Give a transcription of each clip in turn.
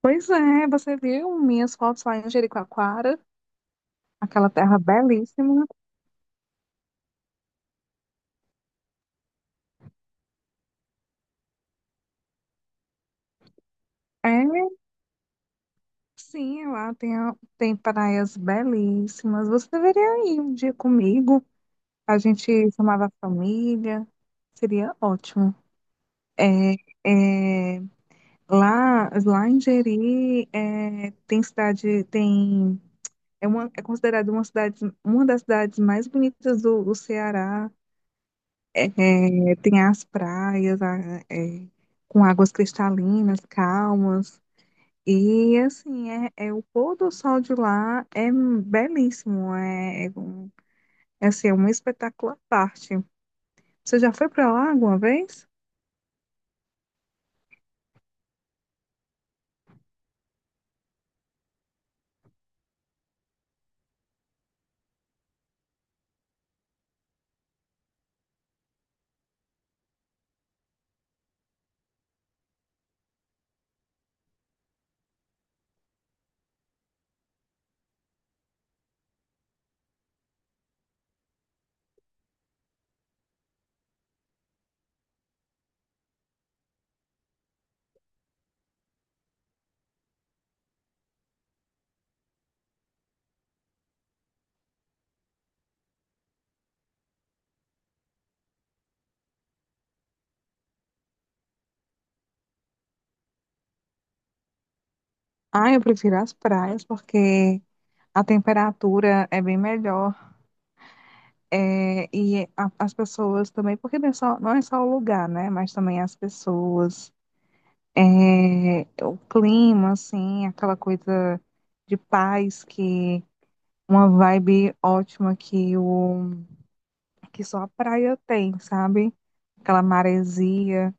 Pois é, você viu minhas fotos lá em Jericoacoara, aquela terra belíssima. É, sim, lá tem, tem praias belíssimas. Você deveria ir um dia comigo. A gente chamava a família, seria ótimo. É, é, lá em Jeri, tem cidade, é considerada uma cidade, uma das cidades mais bonitas do Ceará. Tem as praias com águas cristalinas, calmas. E assim, é o pôr do sol de lá é belíssimo. É um espetáculo à parte. Você já foi para lá alguma vez? Ah, eu prefiro as praias porque a temperatura é bem melhor. É, e as pessoas também, porque não é só, não é só o lugar, né? Mas também as pessoas. É, o clima, assim, aquela coisa de paz que uma vibe ótima que o que só a praia tem, sabe? Aquela maresia.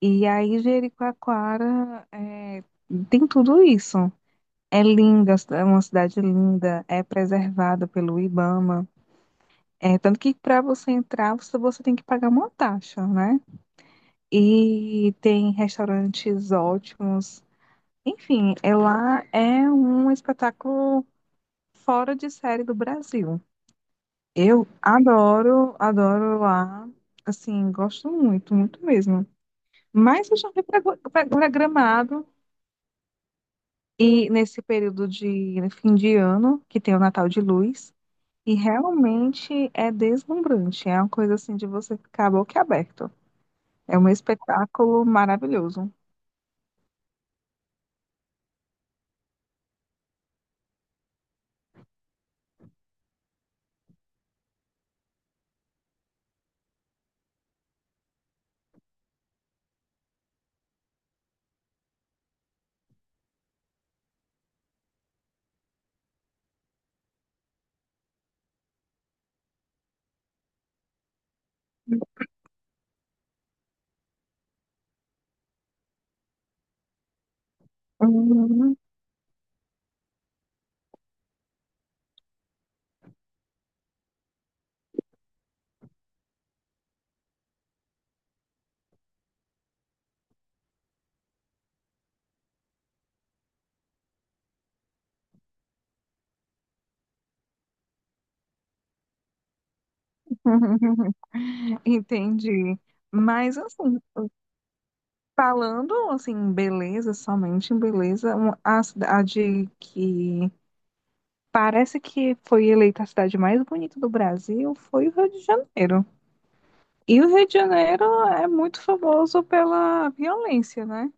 E aí Jericoacoara tem tudo isso. É linda, é uma cidade linda, é preservada pelo Ibama. É, tanto que para você entrar, você tem que pagar uma taxa, né? E tem restaurantes ótimos. Enfim, ela é um espetáculo fora de série do Brasil. Eu adoro, adoro lá. Assim, gosto muito, muito mesmo. Mas eu já fui pra Gramado e nesse período de, né, fim de ano, que tem o Natal de Luz, e realmente é deslumbrante. É uma coisa assim de você ficar boquiaberto. É um espetáculo maravilhoso. Uhum. Entendi. Mas assim, Falando assim, em beleza, somente em beleza, a cidade que parece que foi eleita a cidade mais bonita do Brasil foi o Rio de Janeiro. E o Rio de Janeiro é muito famoso pela violência, né?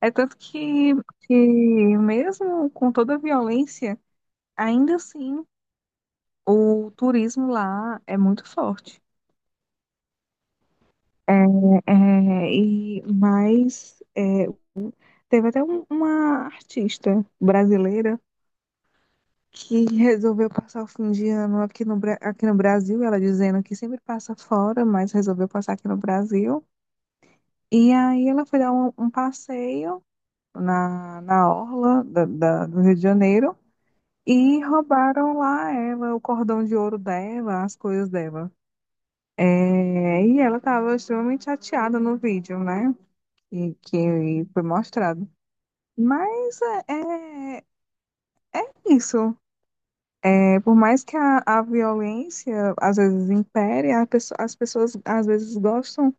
É tanto que mesmo com toda a violência, ainda assim o turismo lá é muito forte. É, é, e, mas é, teve até uma artista brasileira que resolveu passar o fim de ano aqui no Brasil, ela dizendo que sempre passa fora, mas resolveu passar aqui no Brasil. E aí ela foi dar um passeio na orla do Rio de Janeiro e roubaram lá ela, o cordão de ouro dela, as coisas dela. É, e ela estava extremamente chateada no vídeo, né? Que foi mostrado. Mas é isso. É, por mais que a violência às vezes impere, as pessoas às vezes gostam,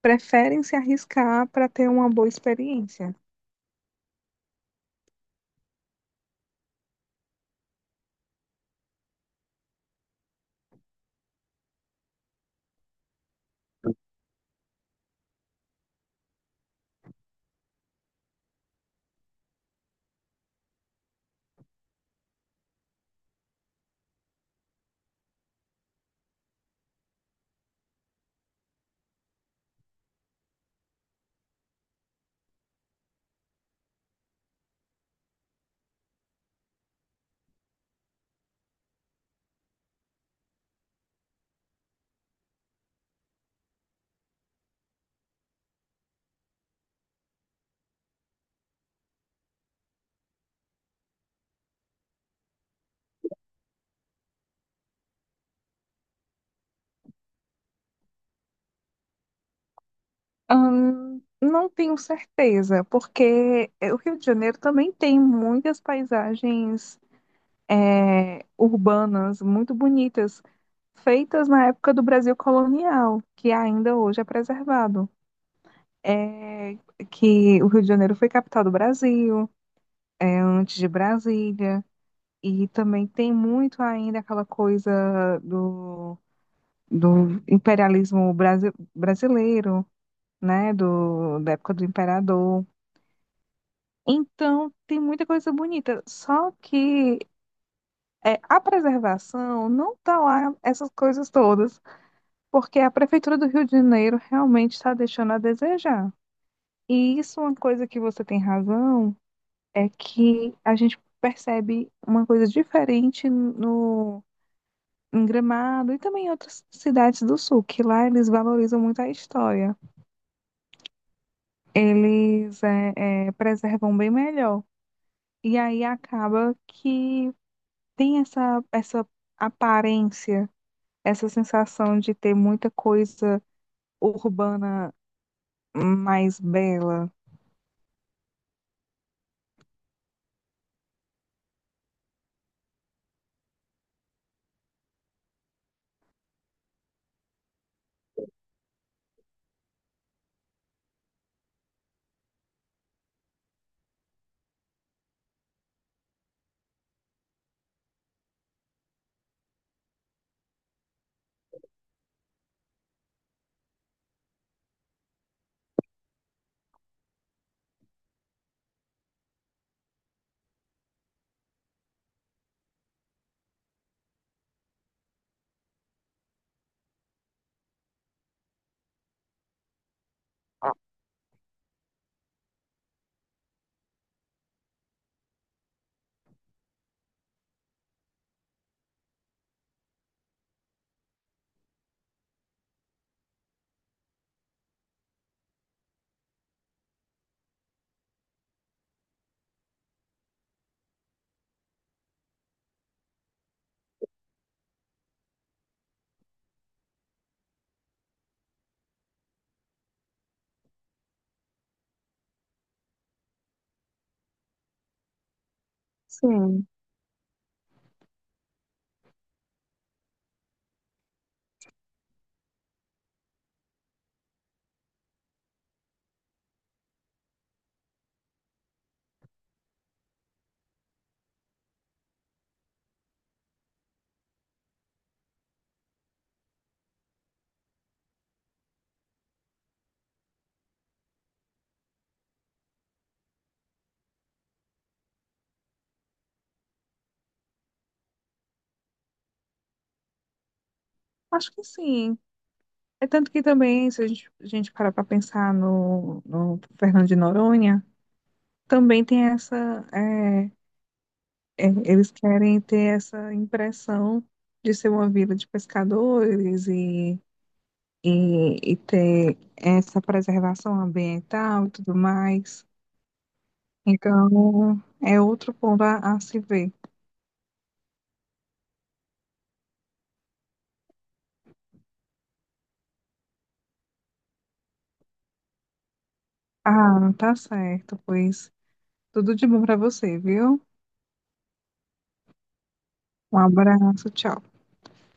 preferem se arriscar para ter uma boa experiência. Não tenho certeza, porque o Rio de Janeiro também tem muitas paisagens urbanas muito bonitas, feitas na época do Brasil colonial, que ainda hoje é preservado. É, que o Rio de Janeiro foi capital do Brasil, é, antes de Brasília. E também tem muito ainda aquela coisa do imperialismo brasileiro, né? Da época do imperador. Então, tem muita coisa bonita. Só que é, a preservação não está lá, essas coisas todas, porque a Prefeitura do Rio de Janeiro realmente está deixando a desejar. E isso, é uma coisa que você tem razão, é que a gente percebe uma coisa diferente no em Gramado e também em outras cidades do sul, que lá eles valorizam muito a história. Eles preservam bem melhor. E aí acaba que tem essa aparência, essa sensação de ter muita coisa urbana mais bela. Sim, acho que sim. É tanto que também, se a gente parar para pensar no Fernando de Noronha, também tem é, é, eles querem ter essa impressão de ser uma vida de pescadores e ter essa preservação ambiental e tudo mais. Então, é outro ponto a se ver. Ah, tá certo, pois tudo de bom para você, viu? Um abraço, tchau.